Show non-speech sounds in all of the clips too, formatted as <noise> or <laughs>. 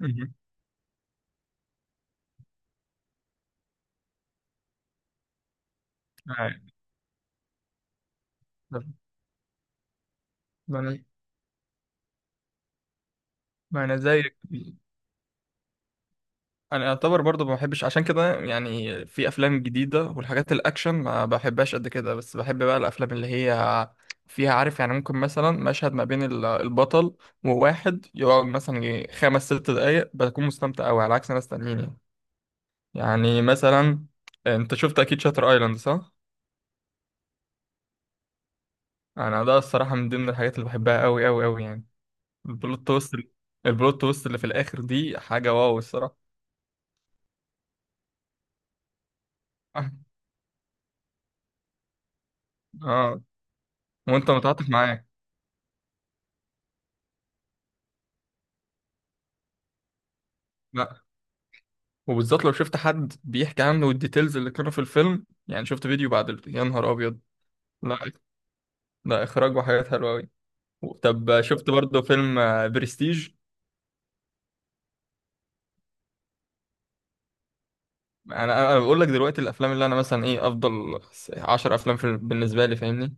مهم. يعني ما انا ما أنا زيك، انا اعتبر برضو ما بحبش عشان كده. يعني في افلام جديده والحاجات الاكشن ما بحبهاش قد كده، بس بحب بقى الافلام اللي هي فيها، عارف؟ يعني ممكن مثلا مشهد ما بين البطل وواحد، يقعد مثلا يجي خمس ست دقايق بكون مستمتع قوي، على عكس ناس تانيين. يعني مثلا انت شفت اكيد شاتر ايلاند، صح؟ انا ده الصراحه من ضمن الحاجات اللي بحبها قوي قوي قوي يعني. البلوت تويست. البلوت تويست اللي في الاخر دي حاجه واو الصراحه. اه، وانت متعاطف معاه. لا. وبالذات لو شفت حد بيحكي عنه والديتيلز اللي كانوا في الفيلم، يعني شفت فيديو بعد يا نهار ابيض! لا لا، اخراج وحاجات حلوه قوي. طب شفت برضه فيلم برستيج؟ انا بقول لك دلوقتي، الافلام اللي انا مثلا ايه افضل 10 افلام في بالنسبه لي، فاهمني؟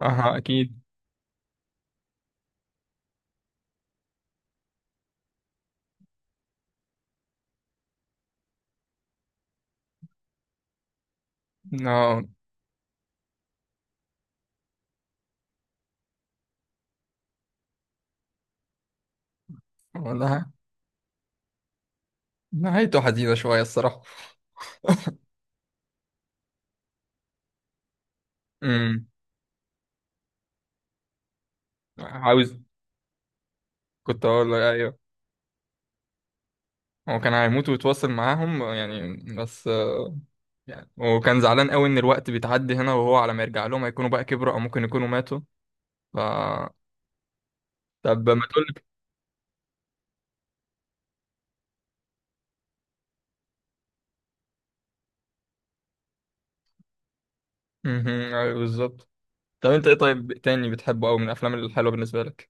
اه اكيد. اه والله، نهايته حزينه شويه الصراحه. امم عاوز كنت اقول لك ايوه، هو كان هيموت ويتواصل معاهم يعني، بس يعني وكان زعلان قوي ان الوقت بيتعدي هنا، وهو على ما يرجع لهم هيكونوا بقى كبروا او ممكن يكونوا ماتوا. ف طب ما تقول لك. مهم، أيوة بالظبط. طب انت ايه طيب تاني بتحبه قوي من الافلام الحلوه بالنسبه لك؟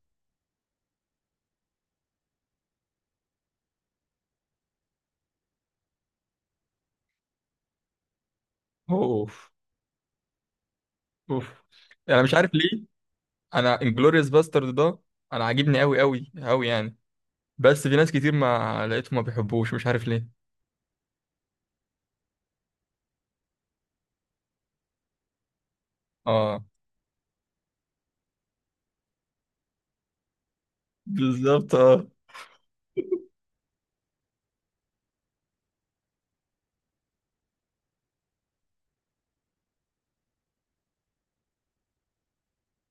اوف اوف. يعني مش عارف ليه، انا انجلوريوس باسترد ده انا عاجبني قوي قوي قوي يعني. بس في ناس كتير ما لقيتهم ما بيحبوش، مش عارف ليه. اه بالظبط اه.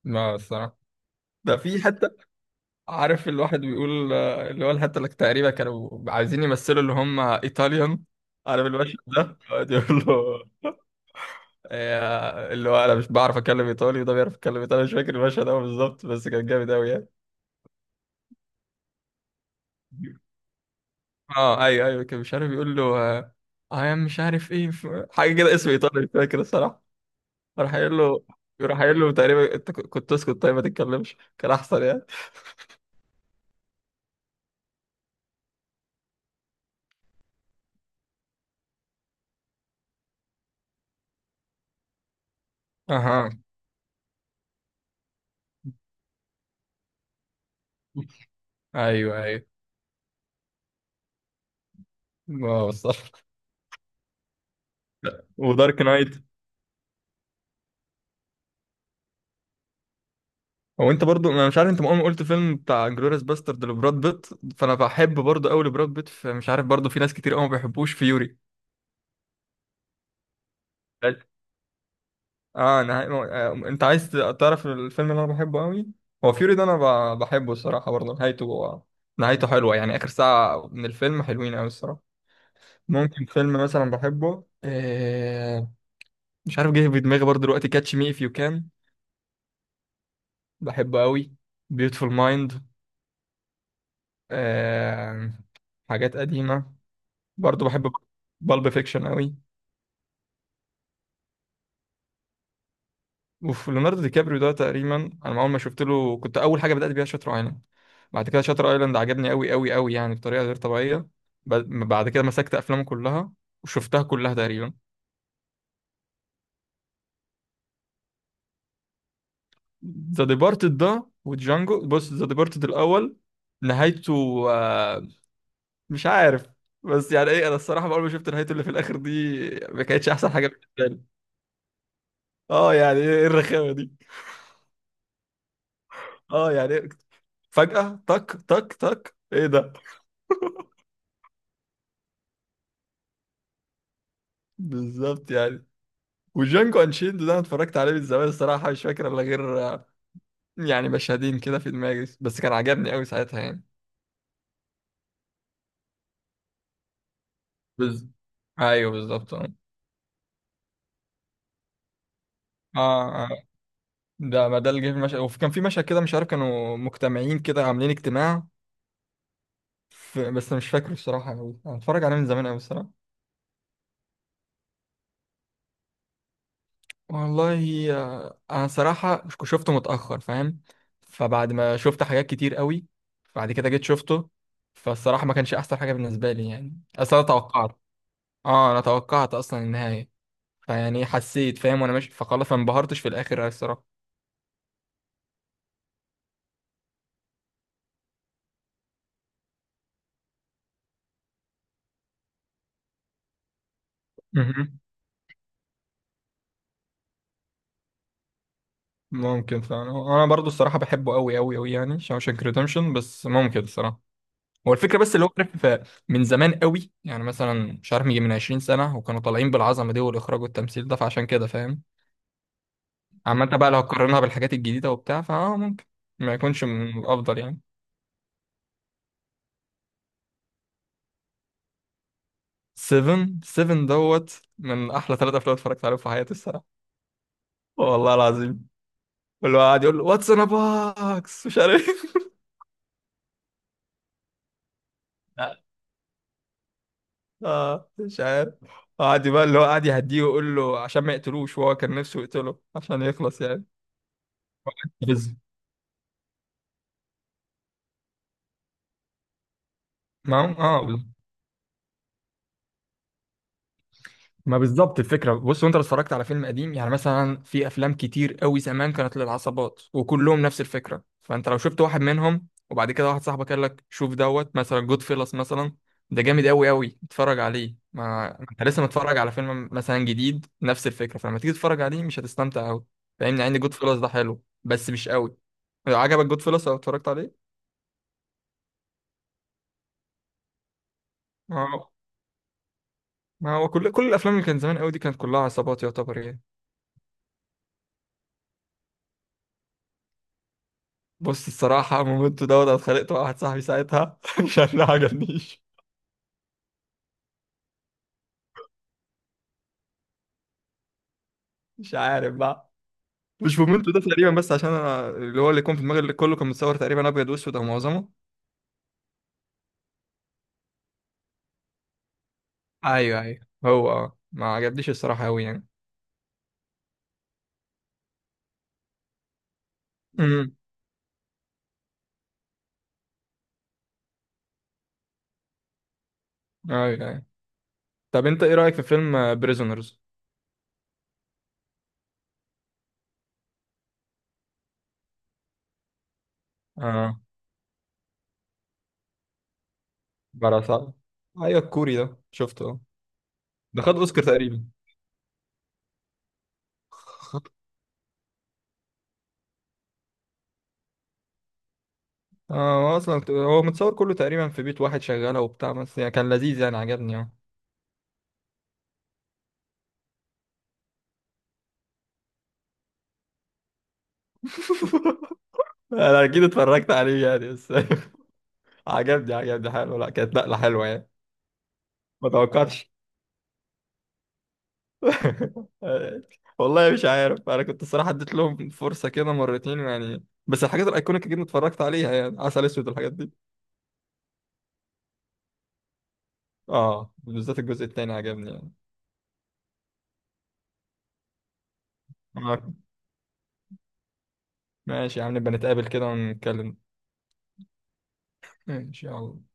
ما الصراحه ده في حتى، عارف الواحد بيقول اللي هو الحتة اللي تقريبا كانوا عايزين يمثلوا اللي هم ايطاليان، عارف المشهد ده؟ يقعد يقول له اللي هو انا مش بعرف اتكلم ايطالي وده بيعرف يتكلم ايطالي. مش فاكر المشهد قوي بالظبط، بس كان جامد قوي يعني. اه ايوه ايوه، كان مش عارف يقول له اي ام، مش عارف ايه، حاجه كده اسم ايطالي، مش فاكر الصراحه. راح قايل له راح قايل له تقريبا، انت كنت اسكت طيب ما تتكلمش كان احسن يعني. اها ايوه ايوه. اه صح، ودارك نايت. هو انت برضو، انا مش عارف انت مؤمن، قلت فيلم بتاع جلوريس باسترد لبراد بيت، فانا بحب برضو قوي لبراد بيت، فمش عارف برضو في ناس كتير قوي ما بيحبوش فيوري بس. اه، انا انت عايز تعرف الفيلم اللي انا بحبه قوي، هو فيوري ده، انا بحبه الصراحه، برضو نهايته حلوه يعني، اخر ساعه من الفيلم حلوين قوي الصراحه. ممكن فيلم مثلا بحبه، مش عارف، جه في دماغي برضو دلوقتي كاتش مي اف يو كان، بحبه قوي. بيوتفول مايند. آه حاجات قديمه برضه بحب، بالب فيكشن قوي. وفي ليوناردو دي كابريو ده تقريبا، انا ما اول ما شفت له كنت اول حاجه بدات بيها شاتر ايلاند. بعد كده شاتر ايلاند عجبني قوي قوي قوي يعني بطريقه غير طبيعيه. بعد كده مسكت افلامه كلها وشفتها كلها تقريبا. ذا ديبارتد ده وجانجو، بص ذا ديبارتد الاول، نهايته، آه، مش عارف. بس يعني ايه، انا الصراحه اول ما شفت نهايته اللي في الاخر دي ما كانتش احسن حاجه بالنسبه لي. اه، يعني ايه الرخامه دي؟ اه يعني إيه؟ فجاه تك تك تك ايه ده؟ بالظبط يعني. وجانجو انشيلد ده انا اتفرجت عليه من زمان الصراحه، مش فاكر الا غير يعني مشهدين كده في دماغي، بس كان عجبني قوي ساعتها يعني. بز... ايوه بالظبط اه. اه آه. ده ما ده اللي جه في المشهد. وكان في مشهد كده مش عارف، كانوا مجتمعين كده عاملين اجتماع، بس مش فاكره الصراحه قوي، انا اتفرج عليه من زمان قوي الصراحه. والله انا صراحه شفته متاخر، فاهم؟ فبعد ما شفت حاجات كتير قوي، بعد كده جيت شفته، فالصراحه ما كانش احسن حاجه بالنسبه لي يعني. اصل انا توقعت اصلا النهايه. فيعني حسيت فاهم وانا ماشي، فخلاص ما انبهرتش في الاخر أوي الصراحه. مهم. ممكن فعلا، هو انا برضو الصراحه بحبه قوي قوي قوي يعني شاوشانك ريدمشن، بس ممكن الصراحه هو الفكره بس اللي هو، عارف، من زمان قوي، يعني مثلا مش عارف يجي من 20 سنه، وكانوا طالعين بالعظمه دي والاخراج والتمثيل ده، فعشان كده فاهم. عامه بقى، لو هتقارنها بالحاجات الجديده وبتاع، فاه ممكن ما يكونش من الافضل يعني. 7 دوت، من احلى ثلاثة افلام اتفرجت عليهم في حياتي الصراحه، والله العظيم. كله قاعد يقول له واتس ان باكس، مش عارف. <laughs> اه مش عارف، قعد بقى اللي هو قعد يهديه ويقول له عشان ما يقتلوش، وهو كان نفسه يقتله عشان يخلص يعني. بز ما هو اه. ما بالظبط الفكره، بص، وانت لو اتفرجت على فيلم قديم يعني، مثلا في افلام كتير قوي زمان كانت للعصابات وكلهم نفس الفكره، فانت لو شفت واحد منهم وبعد كده واحد صاحبك قال لك شوف دوت مثلا جود فيلس مثلا، ده جامد قوي قوي اتفرج عليه، ما انت لسه متفرج على فيلم مثلا جديد نفس الفكره، فلما تيجي تتفرج عليه مش هتستمتع قوي، فاهمني؟ عندي جود فيلس ده حلو بس مش قوي. لو عجبك جود فيلس او اتفرجت عليه، ما هو ما هو كل الافلام اللي كانت زمان قوي دي كانت كلها عصابات يعتبر يعني. بص الصراحة، مومنتو دوت أنا اتخانقت مع واحد صاحبي ساعتها <laughs> عشان ما عجبنيش. مش عارف بقى، مش مومنتو ده تقريبا، بس عشان أنا اللي هو اللي يكون في دماغي اللي كله كان متصور تقريبا أبيض وأسود أو معظمه. أيوه أيوه. هو آه. ما عجبنيش الصراحة أوي يعني. امم أيوه أيوه. طب أنت إيه رأيك في فيلم بريزونرز؟ آه براسات، أيوه الكوري ده شفته آه. ده خد أوسكار تقريبا. هو أصلا هو متصور كله تقريبا في بيت واحد شغالة وبتاع، بس يعني كان لذيذ يعني عجبني آه. انا اكيد اتفرجت عليه يعني بس. <laughs> عجبني حلو، لا كانت نقلة حلوة يعني. ما توقعتش. <laughs> والله مش عارف، انا كنت الصراحة اديت لهم فرصة كده مرتين يعني، بس الحاجات الايكونيك جدا اتفرجت عليها يعني، عسل اسود والحاجات دي. اه بالذات الجزء التاني عجبني يعني. آه. ماشي يا عم، نبقى نتقابل كده ونتكلم، ان شاء الله.